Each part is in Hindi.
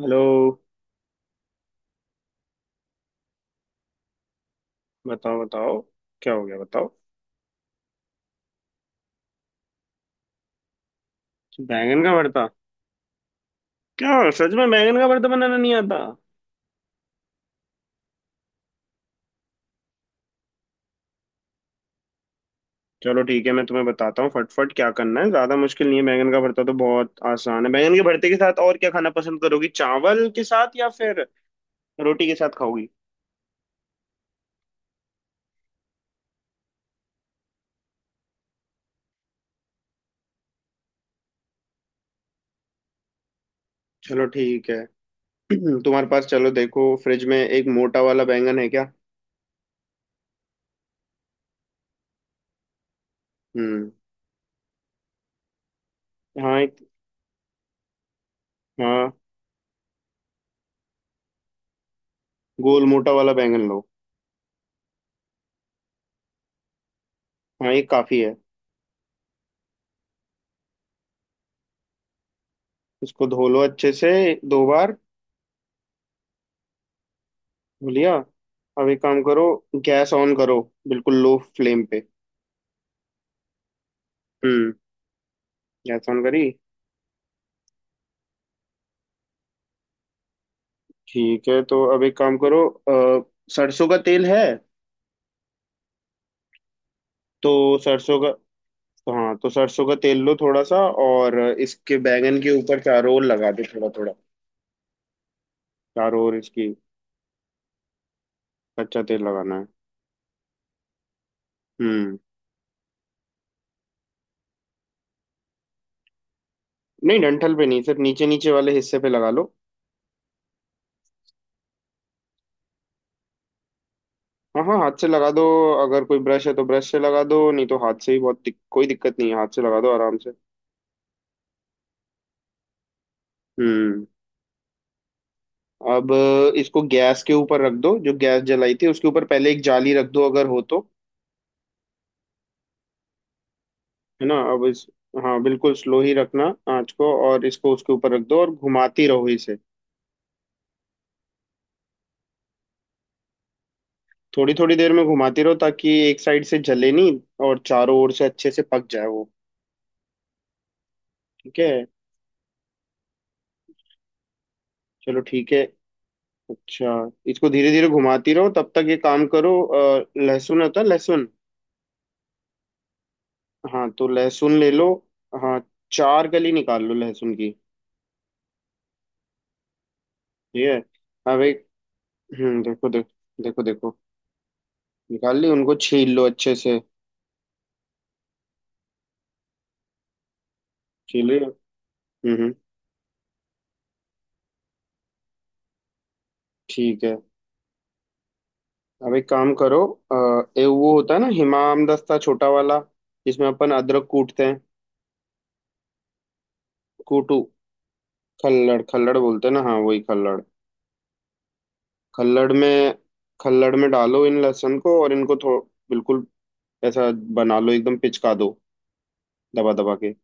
हेलो। बताओ बताओ, क्या हो गया बताओ। बैंगन का भरता? क्या सच में बैंगन का भरता बनाना नहीं आता? चलो ठीक है, मैं तुम्हें बताता हूँ फटफट क्या करना है। ज्यादा मुश्किल नहीं है, बैंगन का भरता तो बहुत आसान है। बैंगन के भरते के साथ और क्या खाना पसंद करोगी, चावल के साथ या फिर रोटी के साथ खाओगी? चलो ठीक है। तुम्हारे पास, चलो देखो फ्रिज में एक मोटा वाला बैंगन है क्या? हम्म। हाँ एक। हाँ, गोल मोटा वाला बैंगन लो। हाँ ये काफी है। इसको धो लो अच्छे से, दो बार। बोलिया, अब एक काम करो, गैस ऑन करो, बिल्कुल लो फ्लेम पे। हम्म, गैस ऑन करी? ठीक है तो अब एक काम करो, सरसों का तेल है? तो सरसों का हाँ तो सरसों का तेल लो थोड़ा सा, और इसके बैंगन के ऊपर चारों ओर लगा दे थोड़ा थोड़ा। चारों ओर इसकी, कच्चा तेल लगाना है। हम्म। नहीं, डंठल पे नहीं, सिर्फ नीचे नीचे वाले हिस्से पे लगा लो। हाँ हाँ हाथ से लगा दो। अगर कोई ब्रश है तो ब्रश से लगा दो, नहीं तो हाथ से ही, कोई दिक्कत नहीं है, हाथ से लगा दो आराम से। हम्म, अब इसको गैस के ऊपर रख दो, जो गैस जलाई थी उसके ऊपर पहले एक जाली रख दो अगर हो तो। है ना? अब इस हाँ बिल्कुल स्लो ही रखना आंच को, और इसको उसके ऊपर रख दो और घुमाती रहो इसे। थोड़ी थोड़ी देर में घुमाती रहो, ताकि एक साइड से जले नहीं और चारों ओर से अच्छे से पक जाए वो। ठीक है। चलो ठीक है। अच्छा, इसको धीरे धीरे घुमाती रहो, तब तक ये काम करो, लहसुन होता है लहसुन? हाँ तो लहसुन ले लो। हाँ, चार कली निकाल लो लहसुन की। ठीक है, अब एक, देखो देखो देखो देखो। निकाल ली? उनको छील लो अच्छे से। छील रही हो? हम्म हम्म, ठीक है। अब एक काम करो, अ, ए वो होता है ना हिमाम दस्ता छोटा वाला, जिसमें अपन अदरक कूटते हैं। कूटू, खल्लड़ खल्लड़ बोलते हैं ना? हाँ वही खल्लड़। खल्लड़ में खल्लड़ में डालो इन लहसुन को, और इनको थो बिल्कुल ऐसा बना लो, एकदम पिचका दो, दबा दबा के।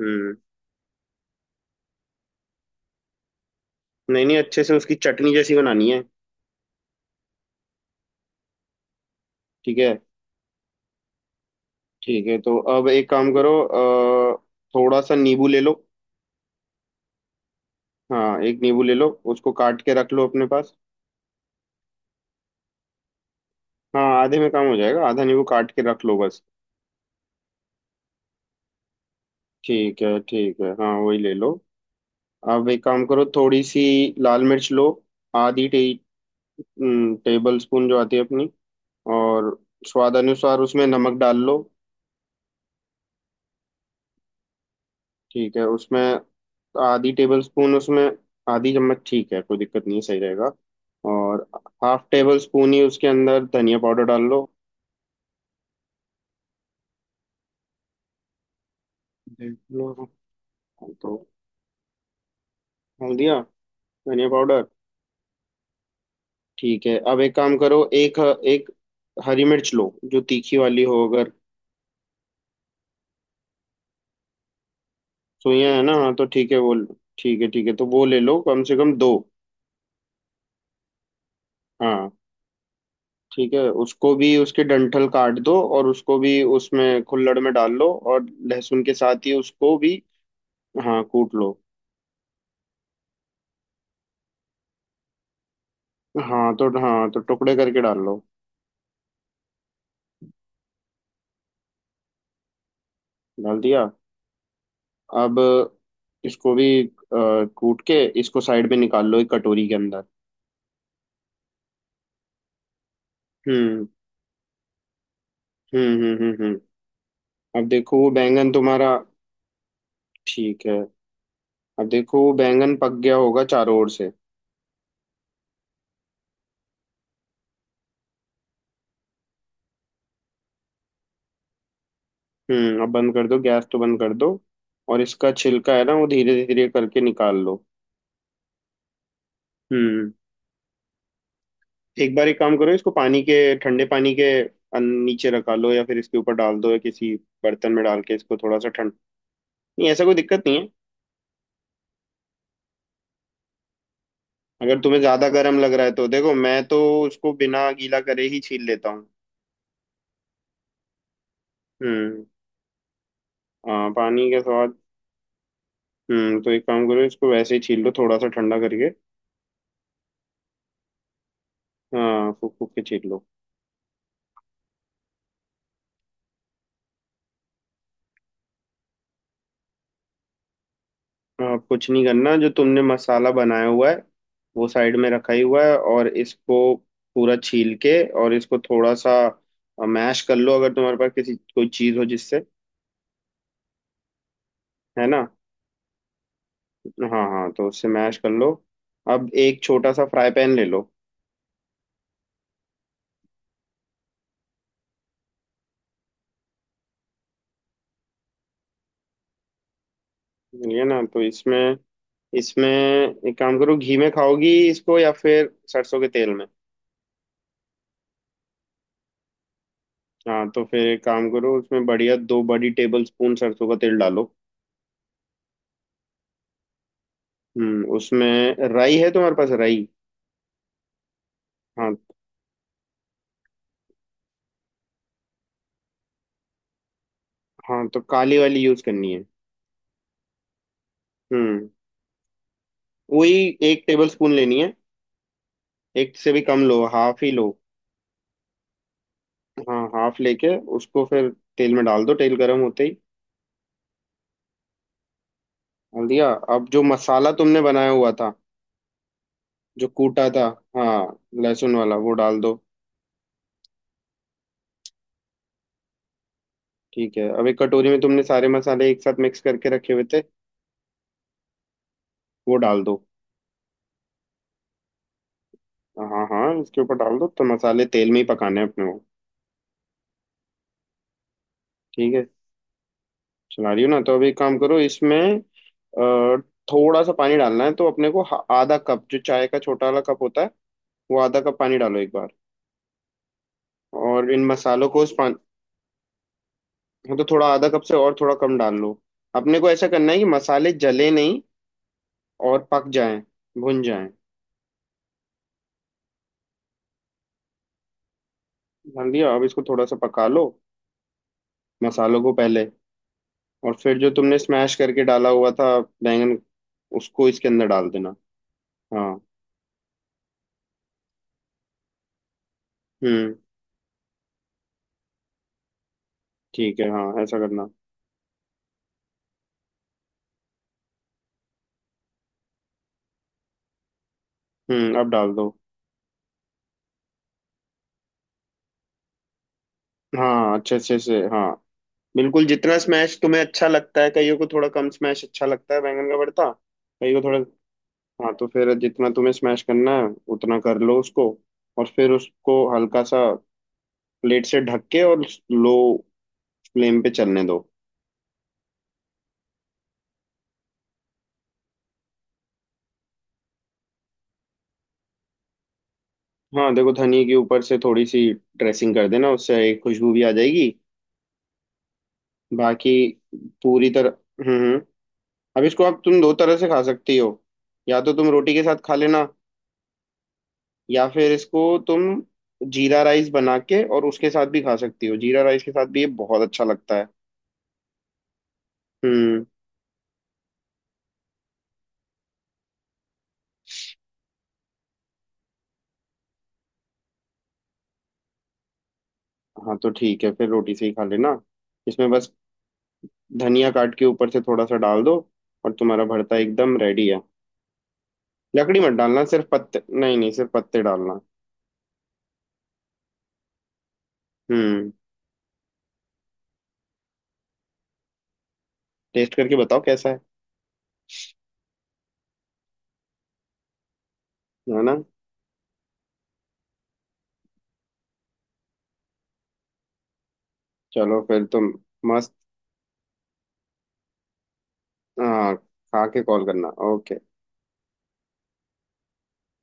हम्म। नहीं नहीं, अच्छे से उसकी चटनी जैसी बनानी है। ठीक है। ठीक है तो अब एक काम करो, थोड़ा सा नींबू ले लो। हाँ एक नींबू ले लो। उसको काट के रख लो अपने पास। हाँ, आधे में काम हो जाएगा, आधा नींबू काट के रख लो बस। ठीक है ठीक है, हाँ वही ले लो। अब एक काम करो, थोड़ी सी लाल मिर्च लो, आधी टे, टेबल स्पून जो आती है अपनी। और स्वाद अनुसार उसमें नमक डाल लो। ठीक है, उसमें आधी टेबल स्पून उसमें। आधी चम्मच, ठीक है कोई दिक्कत नहीं है, सही रहेगा। और हाफ टेबल स्पून ही उसके अंदर धनिया पाउडर डाल लो। देख लो तो। डाल दिया धनिया पाउडर। ठीक है अब एक काम करो, एक एक हरी मिर्च लो, जो तीखी वाली हो अगर। सोया है ना? हाँ तो ठीक है वो। ठीक है तो वो ले लो, कम से कम दो। हाँ। ठीक है, उसको भी, उसके डंठल काट दो और उसको भी उसमें खुल्लड़ में डाल लो, और लहसुन के साथ ही उसको भी। हाँ कूट लो। हाँ तो, हाँ तो टुकड़े करके डाल लो। डाल दिया। अब इसको भी, कूट के इसको साइड में निकाल लो एक कटोरी के अंदर। हम्म हम्म हम्म हम्म हम्म। अब देखो वो बैंगन तुम्हारा। ठीक है, अब देखो वो बैंगन पक गया होगा चारों ओर से। हम्म, अब बंद कर दो, गैस तो बंद कर दो। और इसका छिलका है ना, वो धीरे धीरे करके निकाल लो। हम्म, एक बार एक काम करो, इसको पानी के, ठंडे पानी के नीचे रखा लो, या फिर इसके ऊपर डाल दो, या किसी बर्तन में डाल के इसको थोड़ा सा ठंड। नहीं, ऐसा कोई दिक्कत नहीं है। अगर तुम्हें ज्यादा गर्म लग रहा है तो देखो मैं तो उसको बिना गीला करे ही छील लेता हूँ। हम्म, हाँ पानी के स्वाद। तो एक काम करो, इसको वैसे ही छील लो थोड़ा सा ठंडा करके। हाँ फूक फूक के छील लो। हाँ कुछ नहीं करना, जो तुमने मसाला बनाया हुआ है वो साइड में रखा ही हुआ है, और इसको पूरा छील के और इसको थोड़ा सा मैश कर लो, अगर तुम्हारे पास किसी कोई चीज़ हो जिससे। है ना? हाँ हाँ तो उससे मैश कर लो। अब एक छोटा सा फ्राई पैन ले लो। ये ना तो इसमें इसमें एक काम करो, घी में खाओगी इसको या फिर सरसों के तेल में? हाँ तो फिर एक काम करो, उसमें बढ़िया दो बड़ी टेबल स्पून सरसों का तेल डालो। हम्म, उसमें राई है तुम्हारे पास, राई? हाँ, हाँ तो काली वाली यूज करनी है। हम्म, वही एक टेबल स्पून लेनी है, एक से भी कम लो, हाफ ही लो। हाँ हाफ लेके उसको फिर तेल में डाल दो, तेल गर्म होते ही। डाल दिया। अब जो मसाला तुमने बनाया हुआ था, जो कूटा था, हाँ लहसुन वाला, वो डाल दो। ठीक है, अब एक कटोरी में तुमने सारे मसाले एक साथ मिक्स करके रखे हुए थे, वो डाल दो। हाँ हाँ इसके ऊपर डाल दो, तो मसाले तेल में ही पकाने हैं अपने वो। ठीक है, चला रही हूँ ना, तो अभी एक काम करो, इसमें थोड़ा सा पानी डालना है तो अपने को, आधा कप, जो चाय का छोटा वाला कप होता है, वो आधा कप पानी डालो एक बार। और इन मसालों को उस पानी, तो थोड़ा आधा कप से और थोड़ा कम डाल लो। अपने को ऐसा करना है कि मसाले जले नहीं और पक जाएं, भुन जाएं। डाल दिया, अब इसको थोड़ा सा पका लो, मसालों को पहले। और फिर जो तुमने स्मैश करके डाला हुआ था, बैंगन, उसको इसके अंदर डाल देना। हाँ। हम्म ठीक है, हाँ ऐसा करना। अब डाल दो। हाँ अच्छे अच्छे से, हाँ बिल्कुल, जितना स्मैश तुम्हें अच्छा लगता है। कईयों को थोड़ा कम स्मैश अच्छा लगता है बैंगन का भरता, कईयों को थोड़ा। हाँ तो फिर जितना तुम्हें स्मैश करना है उतना कर लो उसको। और फिर उसको हल्का सा प्लेट से ढक के और लो फ्लेम पे चलने दो। हाँ देखो, धनिया के ऊपर से थोड़ी सी ड्रेसिंग कर देना, उससे एक खुशबू भी आ जाएगी। बाकी पूरी तरह। हम्म हम्म। अब इसको आप तुम दो तरह से खा सकती हो। या तो तुम रोटी के साथ खा लेना, या फिर इसको तुम जीरा राइस बना के और उसके साथ भी खा सकती हो, जीरा राइस के साथ भी ये बहुत अच्छा लगता है। हम्म। हाँ तो ठीक है, फिर रोटी से ही खा लेना। इसमें बस धनिया काट के ऊपर से थोड़ा सा डाल दो और तुम्हारा भरता एकदम रेडी है। लकड़ी मत डालना, सिर्फ पत्ते, नहीं नहीं, सिर्फ पत्ते डालना। हम्म। टेस्ट करके बताओ कैसा है। है ना? चलो फिर तुम, मस्त, हाँ। खा के कॉल करना, ओके।